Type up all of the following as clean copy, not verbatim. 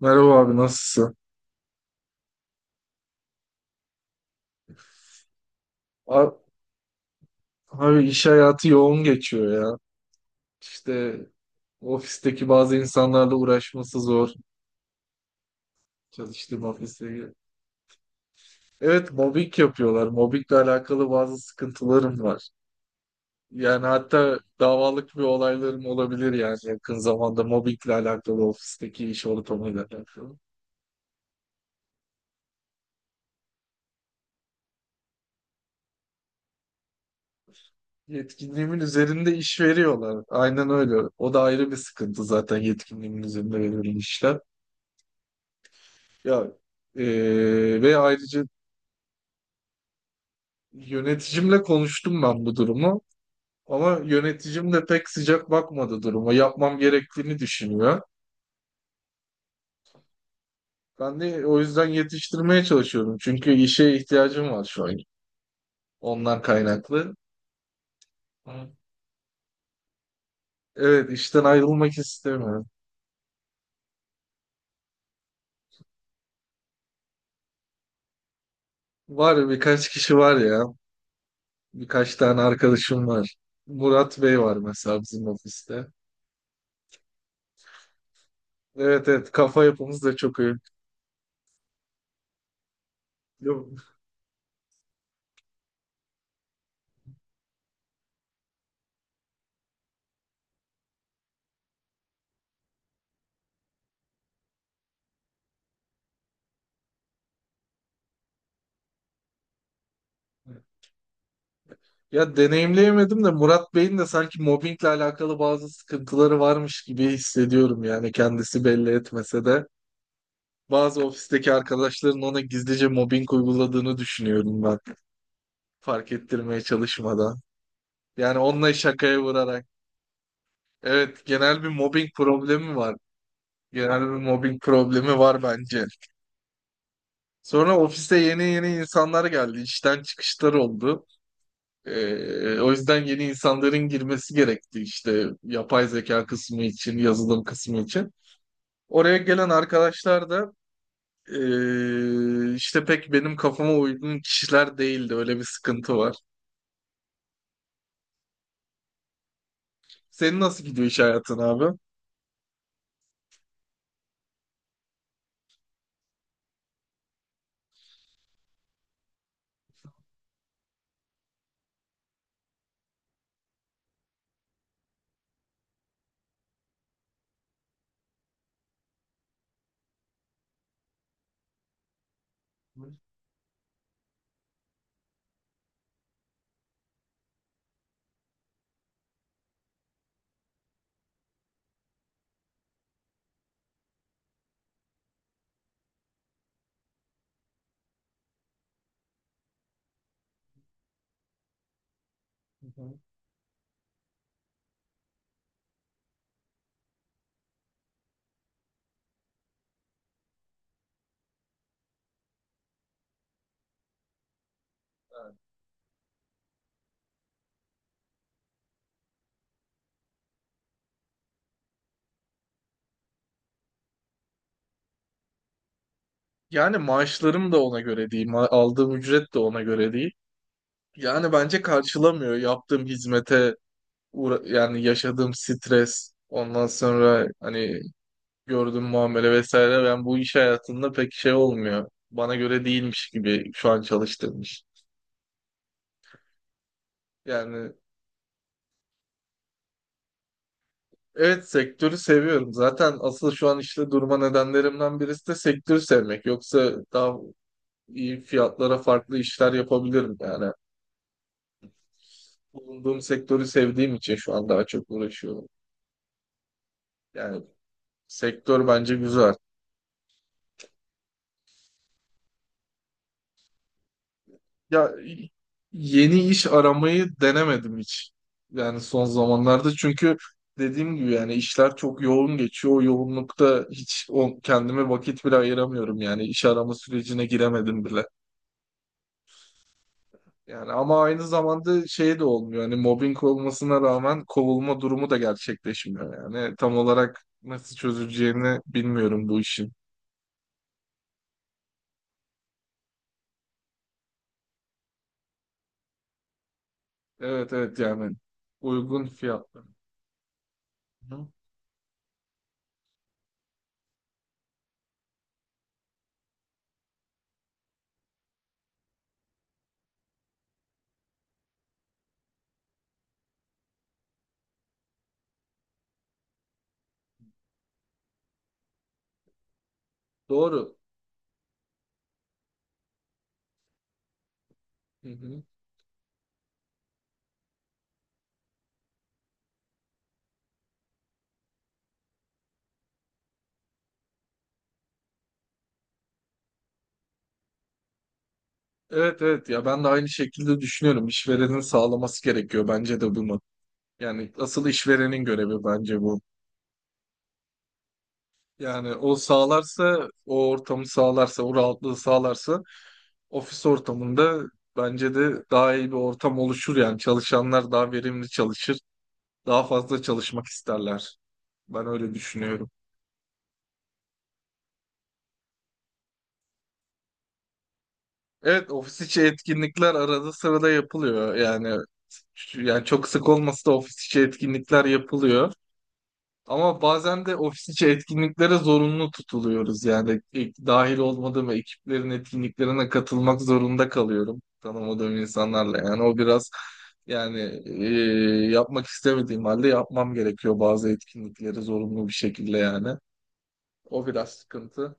Merhaba abi, nasılsın? Abi, abi, iş hayatı yoğun geçiyor ya. İşte ofisteki bazı insanlarla uğraşması zor. Çalıştığım ofiste. Evet, mobbing yapıyorlar. Mobbingle alakalı bazı sıkıntılarım var. Yani hatta davalık bir olaylarım olabilir yani yakın zamanda mobbingle alakalı, ofisteki iş ortamıyla alakalı. Yetkinliğimin üzerinde iş veriyorlar. Aynen öyle. O da ayrı bir sıkıntı zaten, yetkinliğimin üzerinde verilen işler. Ya ve ayrıca yöneticimle konuştum ben bu durumu, ama yöneticim de pek sıcak bakmadı duruma. Yapmam gerektiğini düşünüyor. Ben de o yüzden yetiştirmeye çalışıyorum. Çünkü işe ihtiyacım var şu an. Ondan kaynaklı. Evet, işten ayrılmak istemiyorum. Var ya, birkaç kişi var ya. Birkaç tane arkadaşım var. Murat Bey var mesela bizim ofiste. Evet, evet, kafa yapımız da çok iyi. Yok. Ya deneyimleyemedim de Murat Bey'in de sanki mobbingle alakalı bazı sıkıntıları varmış gibi hissediyorum yani, kendisi belli etmese de. Bazı ofisteki arkadaşların ona gizlice mobbing uyguladığını düşünüyorum ben. Fark ettirmeye çalışmadan. Yani onunla şakaya vurarak. Evet, genel bir mobbing problemi var. Genel bir mobbing problemi var bence. Sonra ofiste yeni yeni insanlar geldi. İşten çıkışlar oldu. O yüzden yeni insanların girmesi gerekti, işte yapay zeka kısmı için, yazılım kısmı için. Oraya gelen arkadaşlar da işte pek benim kafama uygun kişiler değildi. Öyle bir sıkıntı var. Senin nasıl gidiyor iş hayatın abi? Hı hı. Yani maaşlarım da ona göre değil, aldığım ücret de ona göre değil. Yani bence karşılamıyor yaptığım hizmete, yani yaşadığım stres, ondan sonra hani gördüğüm muamele vesaire. Ben bu iş hayatında pek şey olmuyor. Bana göre değilmiş gibi şu an çalıştığım iş. Yani evet, sektörü seviyorum. Zaten asıl şu an işte durma nedenlerimden birisi de sektörü sevmek. Yoksa daha iyi fiyatlara farklı işler yapabilirim yani. Bulunduğum sektörü sevdiğim için şu an daha çok uğraşıyorum. Yani sektör bence güzel. Ya, yeni iş aramayı denemedim hiç. Yani son zamanlarda, çünkü dediğim gibi yani işler çok yoğun geçiyor. O yoğunlukta hiç kendime vakit bile ayıramıyorum yani, iş arama sürecine giremedim bile. Yani ama aynı zamanda şey de olmuyor. Hani mobbing olmasına rağmen kovulma durumu da gerçekleşmiyor. Yani tam olarak nasıl çözüleceğini bilmiyorum bu işin. Evet, evet, yani uygun fiyatlı. Hı. Doğru. Hı hı. Evet, evet, ya ben de aynı şekilde düşünüyorum. İşverenin sağlaması gerekiyor bence de bunu. Yani asıl işverenin görevi bence bu. Yani o sağlarsa, o ortamı sağlarsa, o rahatlığı sağlarsa ofis ortamında bence de daha iyi bir ortam oluşur, yani çalışanlar daha verimli çalışır, daha fazla çalışmak isterler. Ben öyle düşünüyorum. Evet, ofis içi etkinlikler arada sırada yapılıyor. Yani çok sık olmasa da ofis içi etkinlikler yapılıyor. Ama bazen de ofis içi etkinliklere zorunlu tutuluyoruz. Yani ilk dahil olmadığım ekiplerin etkinliklerine katılmak zorunda kalıyorum tanımadığım insanlarla. Yani o biraz, yani yapmak istemediğim halde yapmam gerekiyor bazı etkinlikleri zorunlu bir şekilde yani. O biraz sıkıntı.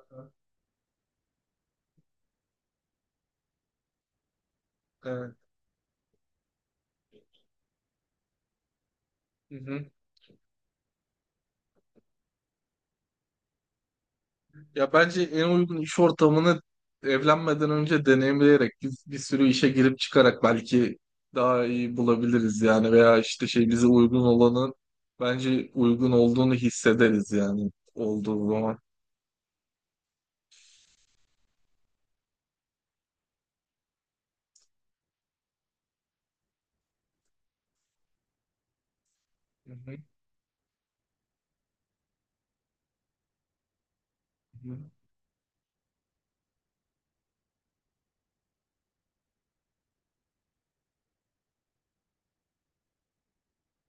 Aha. Evet. Hı hı. Ya bence en uygun iş ortamını evlenmeden önce deneyimleyerek, biz bir sürü işe girip çıkarak belki daha iyi bulabiliriz yani, veya işte şey, bize uygun olanın bence uygun olduğunu hissederiz yani olduğu zaman. Hı hı, hı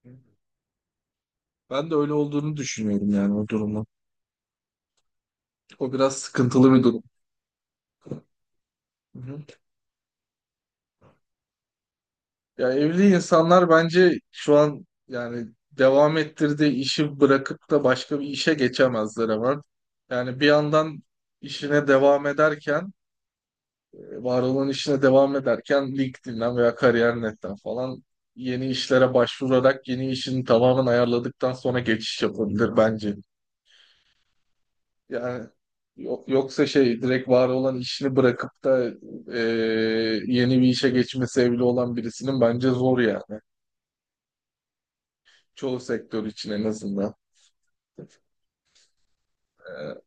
hı. Ben de öyle olduğunu düşünüyorum yani, o durumu. O biraz sıkıntılı bir durum. Hı hı. Ya evli insanlar bence şu an yani devam ettirdiği işi bırakıp da başka bir işe geçemezler hemen. Yani bir yandan işine devam ederken, var olan işine devam ederken LinkedIn'den veya kariyer.net'ten falan yeni işlere başvurarak, yeni işini tamamen ayarladıktan sonra geçiş yapabilir bence. Yani yoksa şey, direkt var olan işini bırakıp da e, yeni bir işe geçmesi evli olan birisinin bence zor yani. Çoğu sektör için en azından. Ee,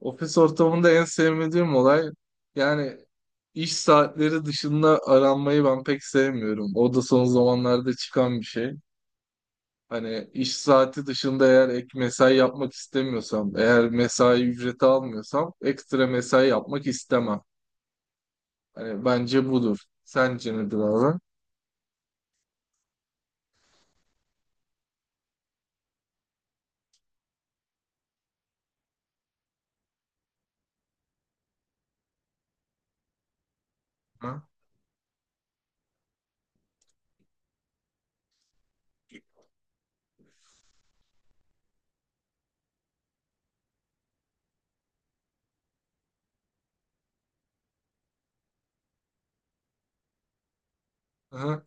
Ofis ortamında en sevmediğim olay, yani iş saatleri dışında aranmayı ben pek sevmiyorum. O da son zamanlarda çıkan bir şey. Hani iş saati dışında eğer ek mesai yapmak istemiyorsam, eğer mesai ücreti almıyorsam ekstra mesai yapmak istemem. Hani bence budur. Sence nedir abi? Hı? Hı?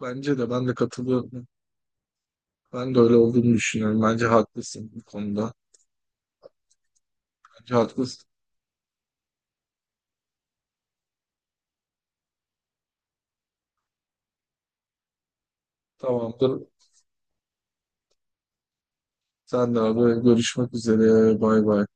Bence de, ben de katılıyorum. Ben de öyle olduğunu düşünüyorum. Bence haklısın bu konuda. Bence haklısın. Tamamdır. Senle abi görüşmek üzere. Bay bay.